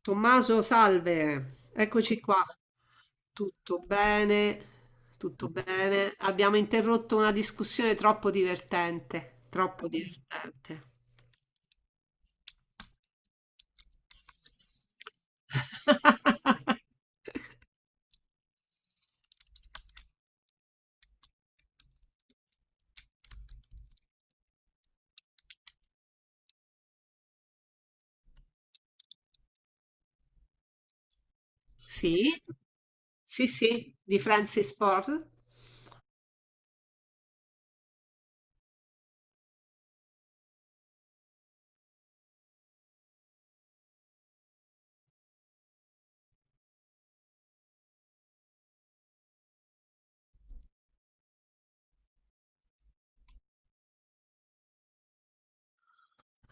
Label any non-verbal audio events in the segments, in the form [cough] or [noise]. Tommaso, salve, eccoci qua. Tutto bene? Tutto bene? Abbiamo interrotto una discussione troppo divertente, troppo divertente. [laughs] Sì, sì, sì, di Francis Ford.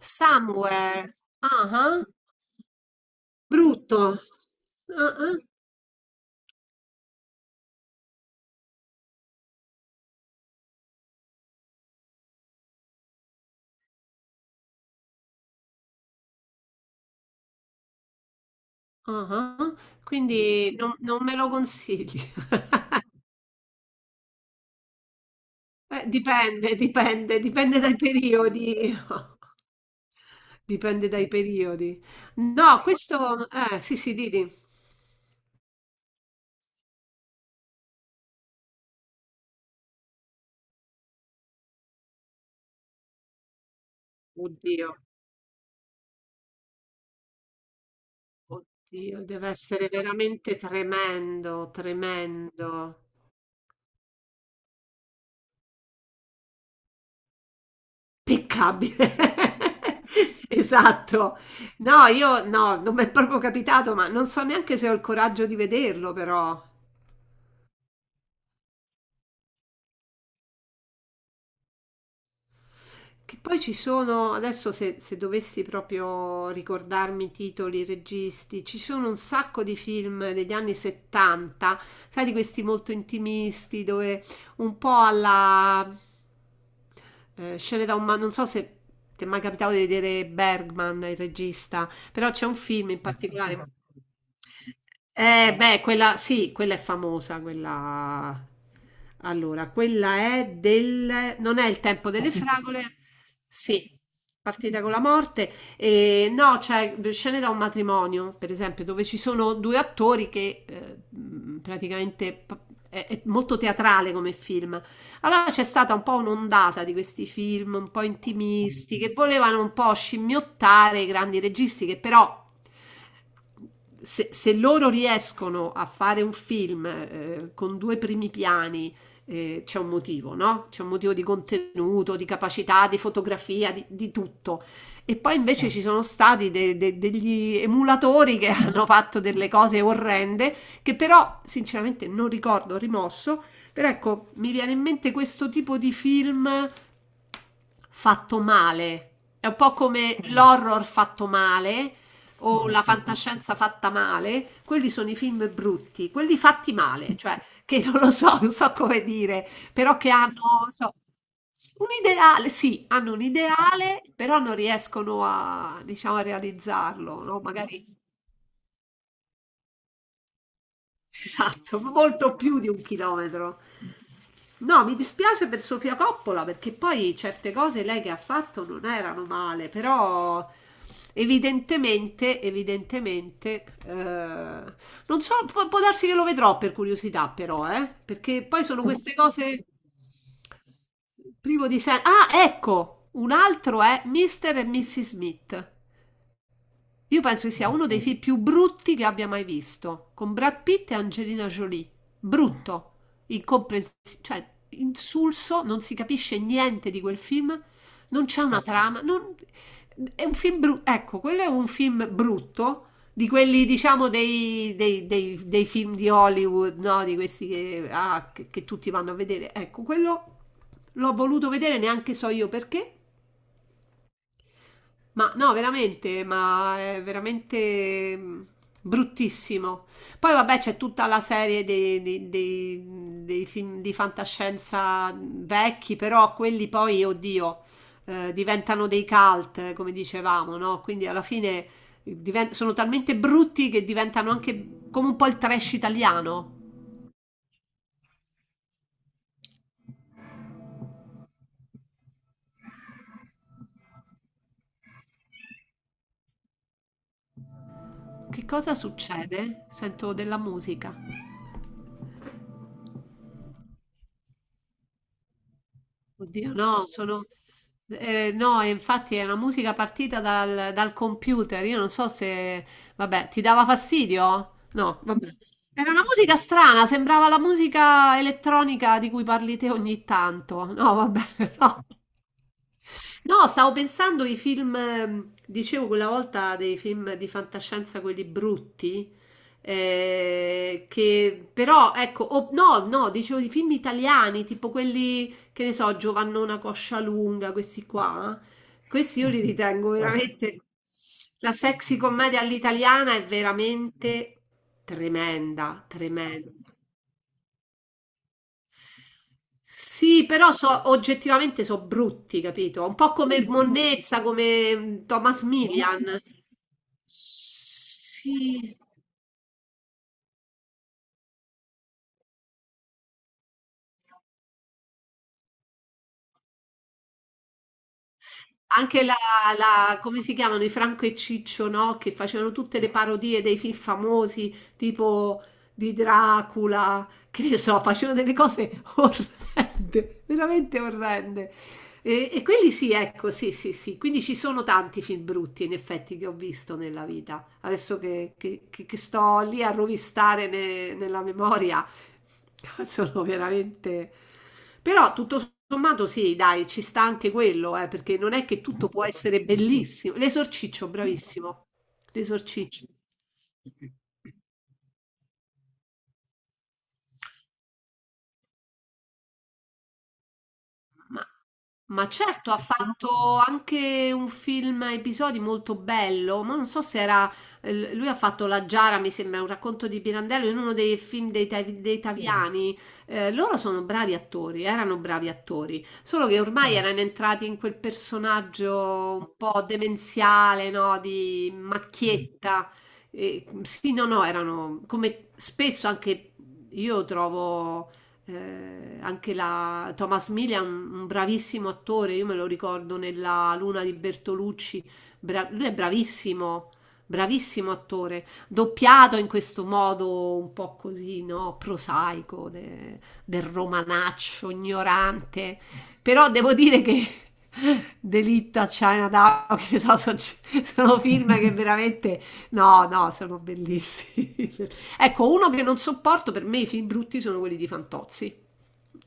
Somewhere. Ah, ah. Brutto. Ah, ah, ah, ah. Quindi non me lo consigli. [laughs] Dipende, dipende, dipende dai periodi. [laughs] Dipende dai periodi. No, questo... sì, sì, Didi. Oddio, oddio, deve essere veramente tremendo, tremendo. Peccabile. [laughs] Esatto. No, io no, non mi è proprio capitato, ma non so neanche se ho il coraggio di vederlo, però. Che poi ci sono, adesso se dovessi proprio ricordarmi i titoli, i registi, ci sono un sacco di film degli anni 70, sai, di questi molto intimisti, dove un po' alla scene da un... non so se ti è mai capitato di vedere Bergman, il regista, però c'è un film in particolare. Beh, quella sì, quella è famosa, quella... Allora, quella è del... Non è il tempo delle fragole? Sì, partita con la morte. E, no, c'è scene da un matrimonio, per esempio, dove ci sono due attori che praticamente... È molto teatrale come film, allora c'è stata un po' un'ondata di questi film un po' intimisti che volevano un po' scimmiottare i grandi registi che però se loro riescono a fare un film con due primi piani c'è un motivo, no? C'è un motivo di contenuto, di capacità, di fotografia, di tutto. E poi invece ci sono stati degli emulatori che [laughs] hanno fatto delle cose orrende che però sinceramente non ricordo rimosso però ecco, mi viene in mente questo tipo di film fatto male. È un po' come l'horror fatto male o la fantascienza fatta male. Quelli sono i film brutti, quelli fatti male, cioè che non lo so, non so come dire, però che hanno, non so, un ideale, sì, hanno un ideale, però non riescono a, diciamo, a realizzarlo, no? Magari Esatto, molto più di un chilometro. No, mi dispiace per Sofia Coppola perché poi certe cose lei che ha fatto non erano male, però evidentemente, evidentemente, non so, può darsi che lo vedrò per curiosità però, perché poi sono queste cose privo di senso. Ah, ecco, un altro è Mr. e Mrs. Smith. Io penso che sia uno dei film più brutti che abbia mai visto, con Brad Pitt e Angelina Jolie. Brutto, incomprensibile, cioè insulso, non si capisce niente di quel film, non c'è una trama, è un film brutto, ecco, quello è un film brutto, di quelli diciamo dei film di Hollywood, no? Di questi che tutti vanno a vedere. Ecco, quello l'ho voluto vedere, neanche so io perché, ma no, veramente, ma è veramente bruttissimo. Poi vabbè, c'è tutta la serie dei film di fantascienza vecchi, però quelli poi, oddio, diventano dei cult, come dicevamo, no? Quindi alla fine sono talmente brutti che diventano anche come un po' il trash italiano. Che cosa succede? Sento della musica. Oddio, no, sono... no, e infatti è una musica partita dal computer. Io non so se... Vabbè, ti dava fastidio? No, vabbè. Era una musica strana, sembrava la musica elettronica di cui parli te ogni tanto. No, vabbè, [laughs] no. No, stavo pensando ai film, dicevo quella volta dei film di fantascienza, quelli brutti, che però, ecco, no, no, dicevo di film italiani, tipo quelli, che ne so, Giovannona Coscia Lunga, questi qua, questi io li ritengo veramente, la sexy commedia all'italiana è veramente tremenda, tremenda. Sì, però so, oggettivamente sono brutti, capito? Un po' come Monnezza, come Thomas Milian. Sì. Anche come si chiamano, i Franco e Ciccio, no? Che facevano tutte le parodie dei film famosi, tipo di Dracula, che ne so, facevano delle cose [laughs] orrende, veramente orrende. E quelli sì, ecco, sì, sì, sì. Quindi ci sono tanti film brutti, in effetti, che ho visto nella vita. Adesso che sto lì a rovistare nella memoria. [laughs] Sono veramente... Però tutto sommato sì, dai, ci sta anche quello, perché non è che tutto può essere bellissimo. L'esorciccio, bravissimo. L'esorciccio. Ma, ma certo, ha fatto anche un film a episodi molto bello, ma non so se era... Lui ha fatto La Giara, mi sembra, un racconto di Pirandello in uno dei film dei Sì. Taviani. Loro sono bravi attori, erano bravi attori, solo che ormai erano entrati in quel personaggio un po' demenziale, no? Di macchietta. E, sì, no, no, erano come spesso anche io trovo... Anche la Thomas Milian, un bravissimo attore, io me lo ricordo nella Luna di Bertolucci, lui è bravissimo, bravissimo attore, doppiato in questo modo un po' così, no, prosaico, del romanaccio, ignorante, però devo dire che [laughs] Delitto a Chinatown, che so, sono film che veramente, no, no, sono bellissimi. [laughs] Ecco, uno che non sopporto per me i film brutti sono quelli di Fantozzi.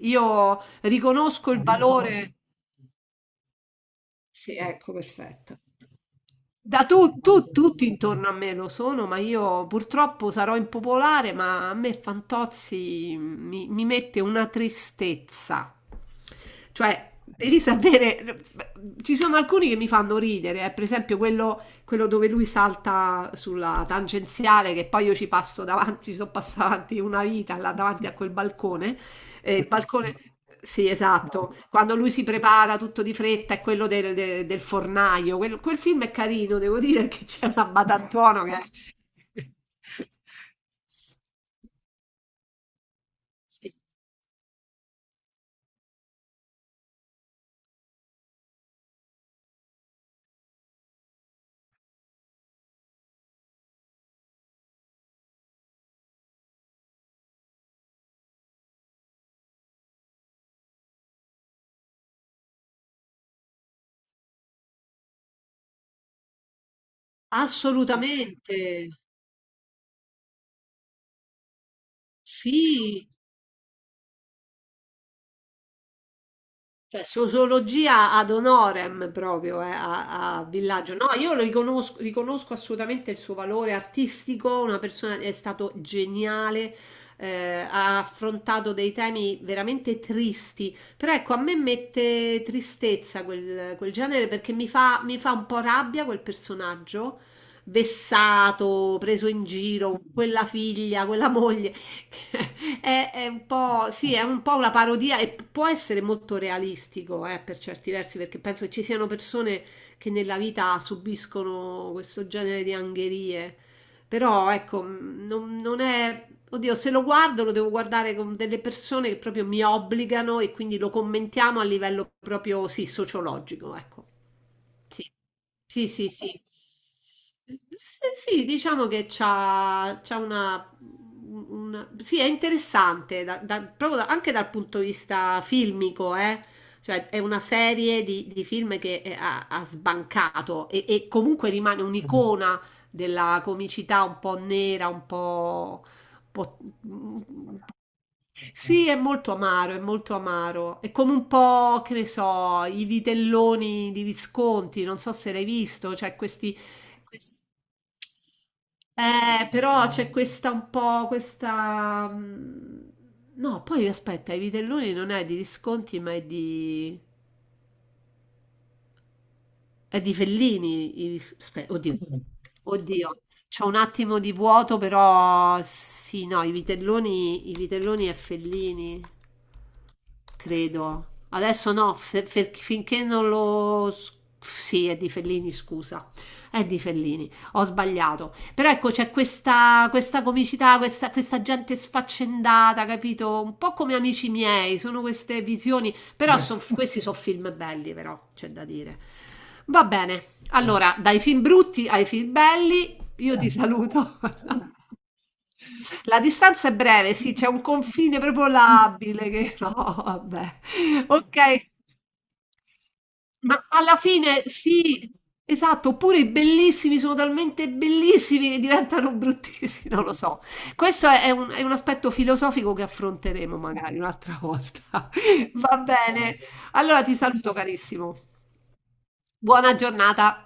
Io riconosco il valore. Sì, ecco, perfetto. Da tutti intorno a me lo sono, ma io purtroppo sarò impopolare, ma a me Fantozzi mi mette una tristezza. Cioè, devi sapere, ci sono alcuni che mi fanno ridere, per esempio quello, quello dove lui salta sulla tangenziale, che poi io ci passo davanti, ci sono passata avanti una vita là davanti a quel balcone. E il balcone, sì, esatto, quando lui si prepara tutto di fretta è quello del fornaio. Quel film è carino, devo dire che c'è una Badantuono che... [laughs] Assolutamente, sì, cioè, sociologia ad honorem proprio a Villaggio. No, io lo riconosco, riconosco assolutamente il suo valore artistico, una persona è stato geniale, ha affrontato dei temi veramente tristi, però ecco, a me mette tristezza quel genere perché mi fa un po' rabbia quel personaggio, vessato, preso in giro, quella figlia, quella moglie. [laughs] È un po', sì, è un po' una parodia e può essere molto realistico, per certi versi, perché penso che ci siano persone che nella vita subiscono questo genere di angherie. Però, ecco, non è... Oddio, se lo guardo lo devo guardare con delle persone che proprio mi obbligano e quindi lo commentiamo a livello proprio, sì, sociologico, ecco. Sì. Sì, sì, sì. Sì, sì, diciamo che c'ha Sì, è interessante, proprio anche dal punto di vista filmico, eh. Cioè, è una serie di film che ha sbancato e comunque rimane un'icona della comicità un po' nera, un po', sì, è molto amaro, è molto amaro. È come un po', che ne so, i vitelloni di Visconti, non so se l'hai visto, c'è questi... Però c'è questa un po', questa... No, poi aspetta, i vitelloni non è di Visconti, ma è di Fellini. Oddio, oddio, c'ho un attimo di vuoto, però sì, no, i vitelloni è Fellini, credo. Adesso no, finché non lo... Sì, è di Fellini, scusa. È di Fellini, ho sbagliato. Però ecco, c'è questa comicità, questa gente sfaccendata, capito? Un po' come amici miei, sono queste visioni. Però questi sono film belli, però, c'è da dire. Va bene, allora, dai film brutti ai film belli, io ti saluto. [laughs] La distanza è breve, sì, c'è un confine proprio labile che [laughs] no, vabbè. Ok, ma alla fine sì, esatto, oppure i bellissimi sono talmente bellissimi che diventano bruttissimi, non lo so. Questo è un aspetto filosofico che affronteremo magari un'altra volta. [laughs] Va bene. Allora ti saluto carissimo. Buona giornata.